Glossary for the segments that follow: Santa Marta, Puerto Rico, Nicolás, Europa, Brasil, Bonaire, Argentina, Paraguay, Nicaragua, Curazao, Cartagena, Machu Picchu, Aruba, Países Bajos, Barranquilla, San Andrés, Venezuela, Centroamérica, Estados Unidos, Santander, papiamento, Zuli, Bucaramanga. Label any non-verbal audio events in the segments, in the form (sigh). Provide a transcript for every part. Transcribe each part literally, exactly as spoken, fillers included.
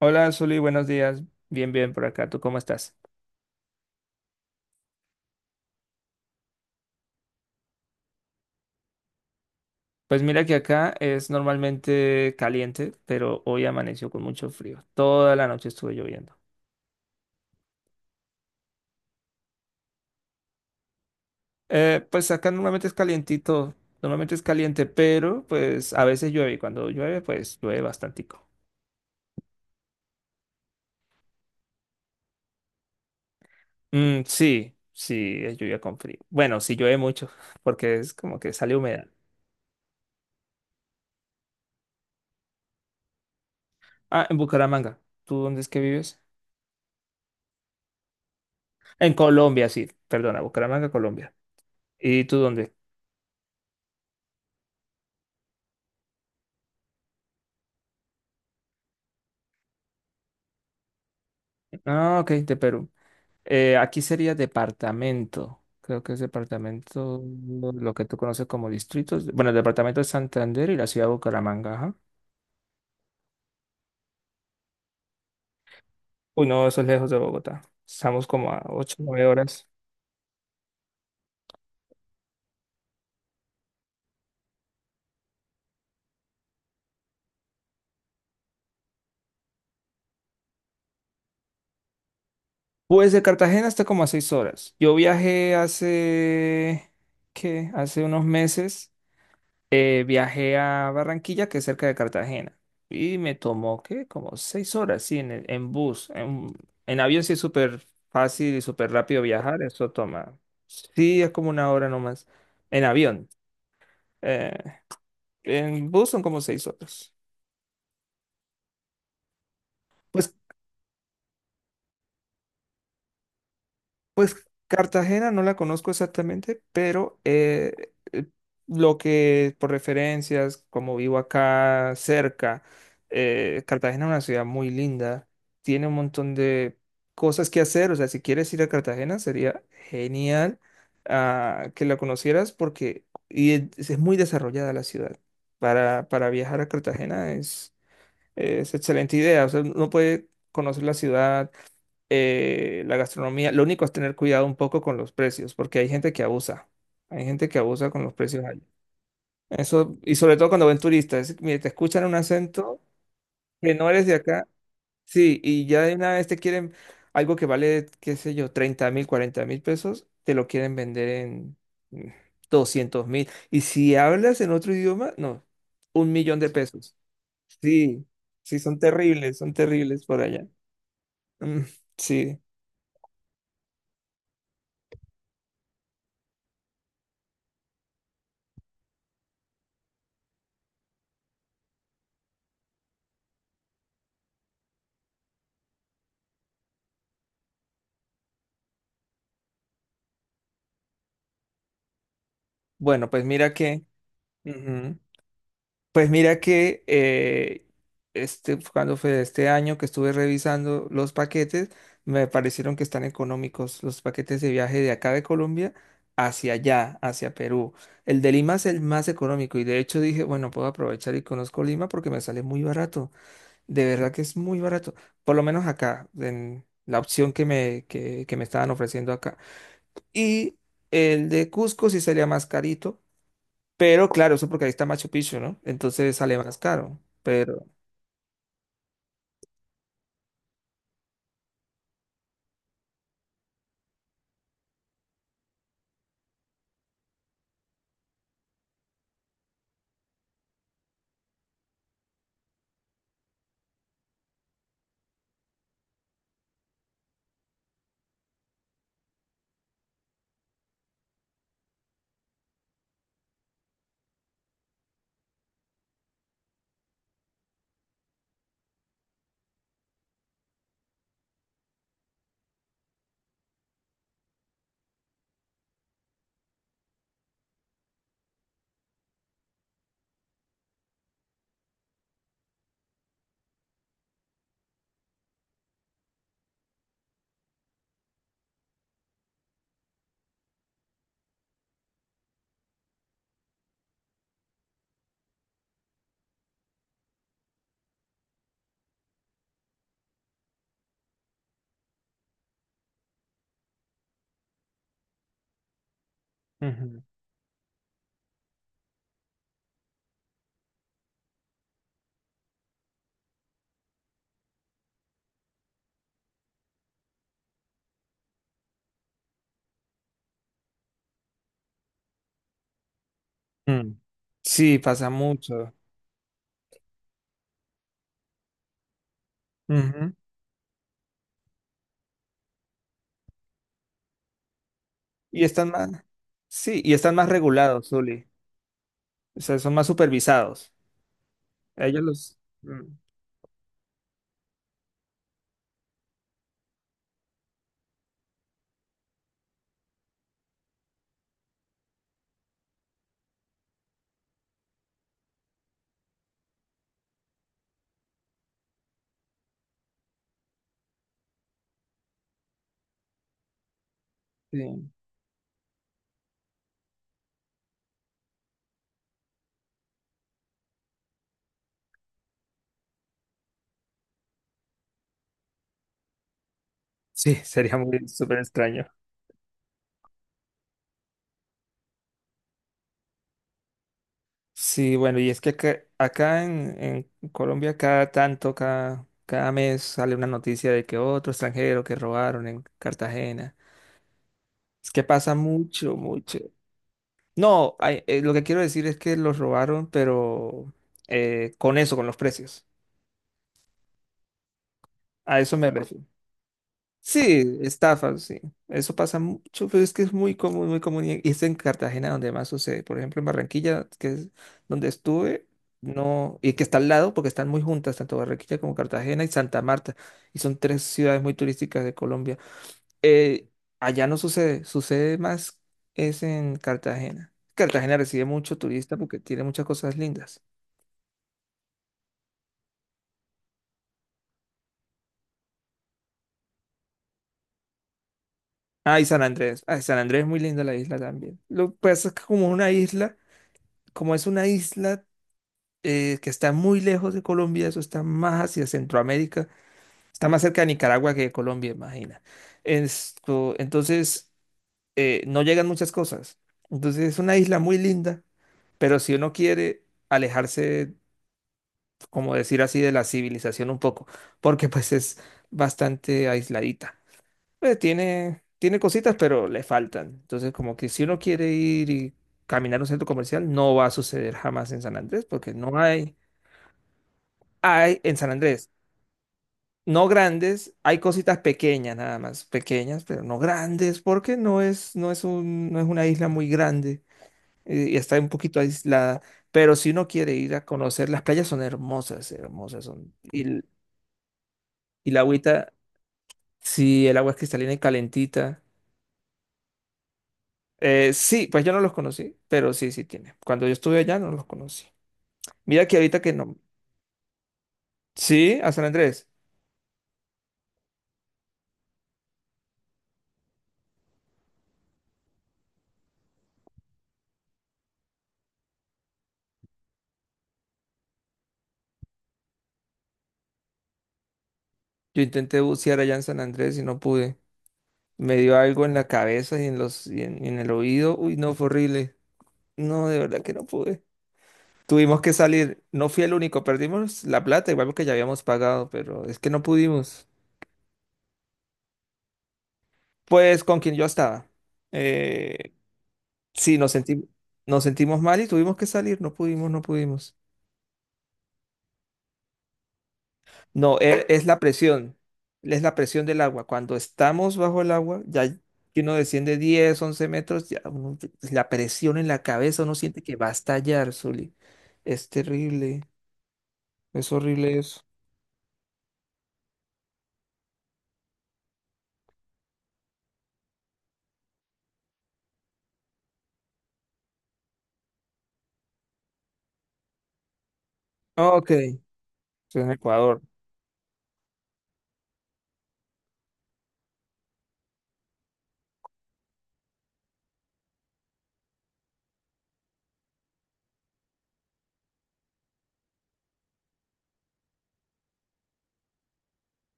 Hola, Zuli, buenos días. Bien, bien por acá. ¿Tú cómo estás? Pues mira que acá es normalmente caliente, pero hoy amaneció con mucho frío. Toda la noche estuve lloviendo. Eh, pues acá normalmente es calientito, normalmente es caliente, pero pues a veces llueve y cuando llueve, pues llueve bastantico. Mm, sí, sí, es lluvia con frío. Bueno, sí llueve mucho, (laughs) porque es como que sale humedad. Ah, en Bucaramanga. ¿Tú dónde es que vives? En Colombia, sí. Perdona, Bucaramanga, Colombia. ¿Y tú dónde? Ah, ok, de Perú. Eh, aquí sería departamento. Creo que es departamento, lo que tú conoces como distritos. Bueno, el departamento de Santander y la ciudad de Bucaramanga. Ajá. Uy, no, eso es lejos de Bogotá. Estamos como a ocho, nueve horas. Pues de Cartagena está como a seis horas. Yo viajé hace, ¿qué? Hace unos meses. Eh, viajé a Barranquilla, que es cerca de Cartagena, y me tomó, ¿qué? Como seis horas, sí, en, el- en bus. En, en avión sí es súper fácil y súper rápido viajar, eso toma. Sí, es como una hora nomás. En avión. eh, en bus son como seis horas. pues Pues Cartagena no la conozco exactamente, pero eh, eh, lo que por referencias, como vivo acá cerca, eh, Cartagena es una ciudad muy linda, tiene un montón de cosas que hacer. O sea, si quieres ir a Cartagena sería genial ah, que la conocieras, porque y es, es muy desarrollada la ciudad. Para, para viajar a Cartagena es es excelente idea. O sea, uno puede conocer la ciudad, eh, la gastronomía. Lo único es tener cuidado un poco con los precios, porque hay gente que abusa. Hay gente que abusa con los precios allá. Eso, y sobre todo cuando ven turistas, es- mire, te escuchan un acento que no eres de acá. Sí, y ya de una vez te quieren algo que vale, qué sé yo, treinta mil, cuarenta mil pesos, te lo quieren vender en mm, doscientos mil. Y si hablas en otro idioma, no, un millón de pesos. Sí, sí, son terribles, son terribles por allá. Mm, sí, bueno, pues mira que, ujú. Pues mira que eh, este, cuando fue este año que estuve revisando los paquetes, me parecieron que están económicos los paquetes de viaje de acá de Colombia hacia allá, hacia Perú. El de Lima es el más económico y de hecho dije, bueno, puedo aprovechar y conozco Lima porque me sale muy barato. De verdad que es muy barato, por lo menos acá, en la opción que me, que que me estaban ofreciendo acá. Y el de Cusco sí salía más carito. Pero claro, eso porque ahí está Machu Picchu, ¿no? Entonces sale más caro. Pero. Ujú. Mm, sí, pasa mucho. Ujú. Y están más, sí, y están más regulados, Zuli. O sea, son más supervisados. Ellos los, mm, sí. Sí, sería muy súper extraño. Sí, bueno, y es que acá, acá en, en Colombia cada tanto, cada, cada mes sale una noticia de que otro extranjero que robaron en Cartagena. Es que pasa mucho, mucho. No, ay, eh, lo que quiero decir es que los robaron, pero eh, con eso, con los precios. A eso me refiero. Sí, estafas, sí. Eso pasa mucho, pero es que es muy común, muy común. Y es en Cartagena donde más sucede. Por ejemplo, en Barranquilla, que es donde estuve, no, y que está al lado, porque están muy juntas, tanto Barranquilla como Cartagena y Santa Marta. Y son tres ciudades muy turísticas de Colombia. Eh, allá no sucede, sucede más es en Cartagena. Cartagena recibe mucho turista porque tiene muchas cosas lindas. Ah, y San Andrés. Ah, San Andrés es muy linda la isla también. Lo que pasa es que como una isla, como es una isla eh, que está muy lejos de Colombia, eso está más hacia Centroamérica, está más cerca de Nicaragua que de Colombia, imagina. Esto, entonces, eh, no llegan muchas cosas. Entonces es una isla muy linda, pero si uno quiere alejarse, como decir así, de la civilización un poco, porque pues es bastante aisladita. Pues tiene, tiene cositas, pero le faltan. Entonces, como que si uno quiere ir y caminar a un centro comercial, no va a suceder jamás en San Andrés, porque no hay, hay en San Andrés, no grandes, hay cositas pequeñas nada más, pequeñas, pero no grandes, porque no es, no es un, no es una isla muy grande eh, y está un poquito aislada. Pero si uno quiere ir a conocer, las playas son hermosas, hermosas son. Y, y la agüita, sí, el agua es cristalina y calentita. Eh, sí, pues yo no los conocí, pero sí, sí tiene. Cuando yo estuve allá no los conocí. Mira que ahorita que no. Sí, a San Andrés. Yo intenté bucear allá en San Andrés y no pude. Me dio algo en la cabeza y en los, y en, y en el oído. Uy, no, fue horrible. No, de verdad que no pude. Tuvimos que salir. No fui el único. Perdimos la plata, igual que ya habíamos pagado, pero es que no pudimos. Pues con quien yo estaba. Eh, sí, nos sentimos, nos sentimos mal y tuvimos que salir. No pudimos, no pudimos. No, e- es la presión, es la presión del agua. Cuando estamos bajo el agua, ya que uno desciende diez, once metros, ya uno, la presión en la cabeza, uno siente que va a estallar, Zuli. Es terrible, es horrible eso. Ok, estoy en Ecuador.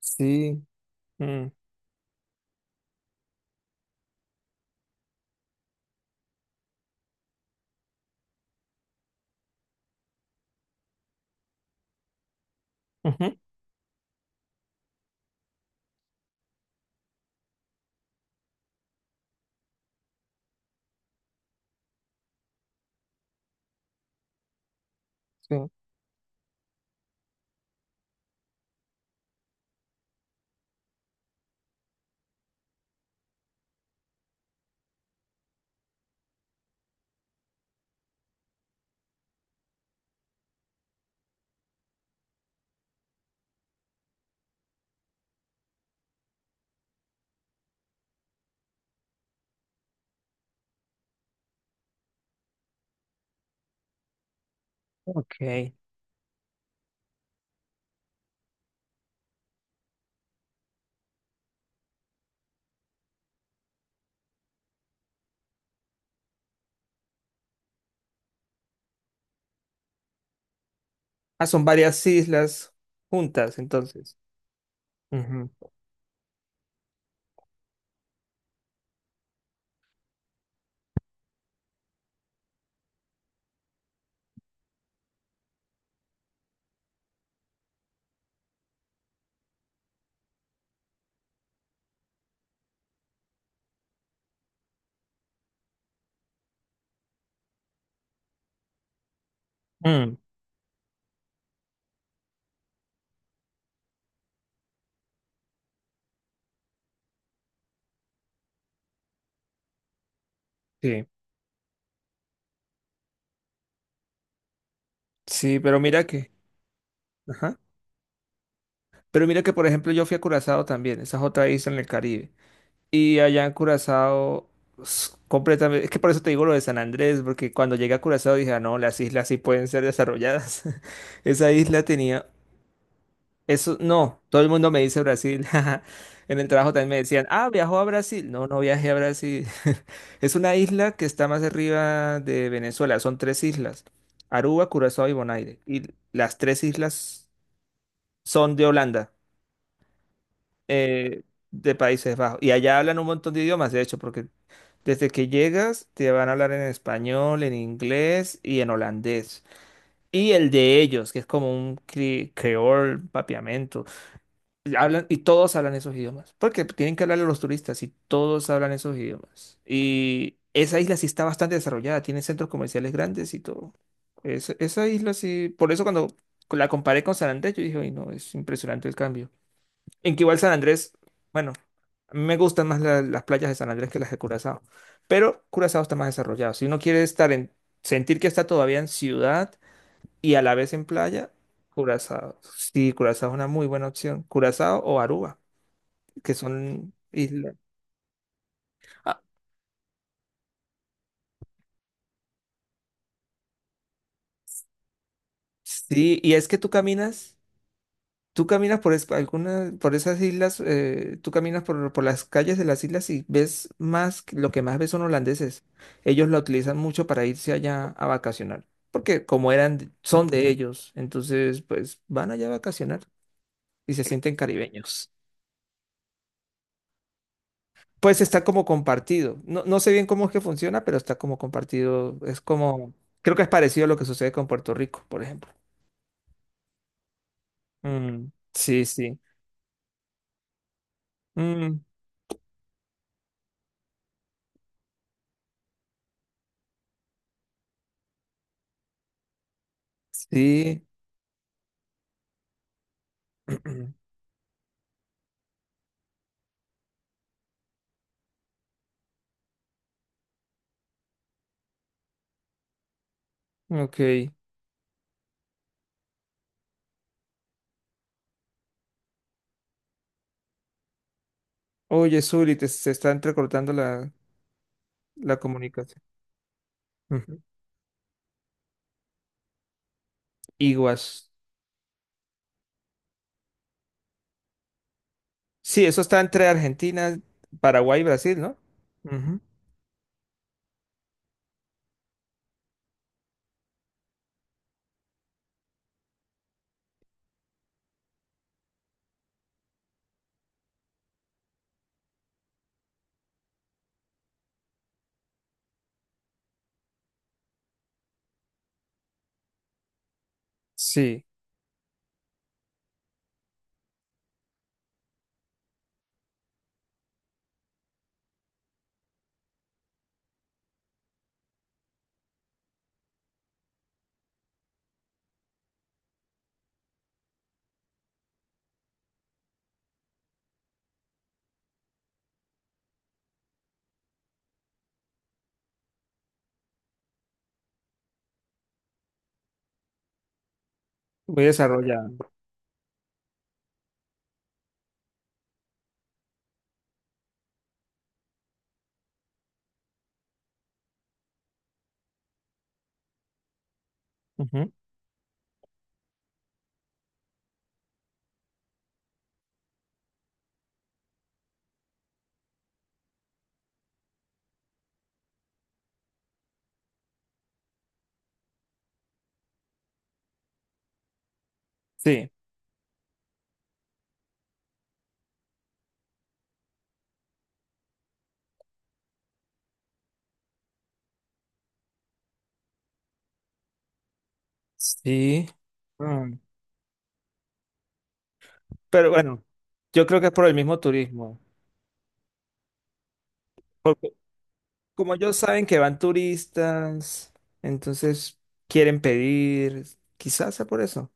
Sí. Mm, ujú, sí, ok. Ah, son varias islas juntas, entonces. Ujú, mm, sí, sí, pero mira que, ajá. Pero mira que, por ejemplo, yo fui a Curazao también, esa es otra isla en el Caribe. Y allá en Curazao, s- completamente. Es que por eso te digo lo de San Andrés, porque cuando llegué a Curazao dije, "Ah, no, las islas sí pueden ser desarrolladas". (laughs) Esa isla tenía. Eso, no, todo el mundo me dice Brasil. (laughs) En el trabajo también me decían, ah, viajó a Brasil. No, no viajé a Brasil. (laughs) Es una isla que está más arriba de Venezuela. Son tres islas: Aruba, Curazao y Bonaire. Y las tres islas son de Holanda, eh, de Países Bajos. Y allá hablan un montón de idiomas, de hecho, porque desde que llegas, te van a hablar en español, en inglés y en holandés. Y el de ellos, que es como un cre- creol, papiamento. Y Hablan, y todos hablan esos idiomas. Porque tienen que hablarle a los turistas y todos hablan esos idiomas. Y esa isla sí está bastante desarrollada, tiene centros comerciales grandes y todo. Es- esa isla sí. Por eso cuando la comparé con San Andrés, yo dije, uy, no, es impresionante el cambio. En que igual San Andrés, bueno, a mí me gustan más la- las playas de San Andrés que las de Curazao, pero Curazao está más desarrollado. Si uno quiere estar en, sentir que está todavía en ciudad y a la vez en playa, Curazao. Sí, Curazao es una muy buena opción. Curazao o Aruba, que son islas. Ah, sí, y es que tú caminas. ¿Tú caminas por es- alguna, por esas islas? eh, ¿tú caminas por, por las calles de las islas y ves más, que- lo que más ves son holandeses? Ellos la utilizan mucho para irse allá a vacacionar, porque como eran, de- son de ellos, entonces pues van allá a vacacionar y se sienten caribeños. Pues está como compartido. No, no sé bien cómo es que funciona, pero está como compartido. Es como, creo que es parecido a lo que sucede con Puerto Rico, por ejemplo. Mm, sí, sí. Mm, sí. (clears throat) Ok. Oye, Zuli, te- se está entrecortando la, la comunicación. Ujú. Iguas. Sí, eso está entre Argentina, Paraguay y Brasil, ¿no? Ujú. Sí, muy desarrollado. Ujú. Sí, sí. Mm. Pero bueno, yo creo que es por el mismo turismo. Porque como ellos saben que van turistas, entonces quieren pedir, quizás sea por eso.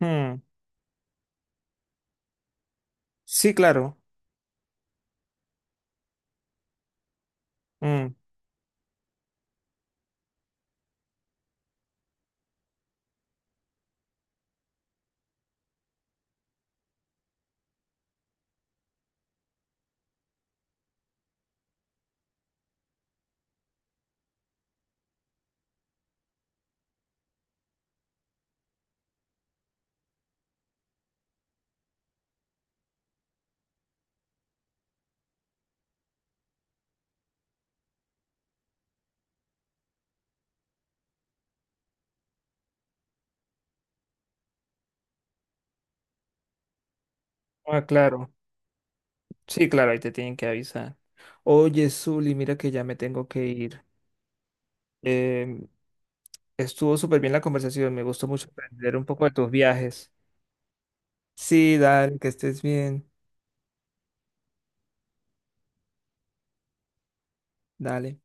Mm. Sí, claro. Mm. Ah, claro. Sí, claro, ahí te tienen que avisar. Oye, Zuli, mira que ya me tengo que ir. Em, estuvo súper bien la conversación, me gustó mucho aprender un poco de tus viajes. Sí, dale, que estés bien. Dale.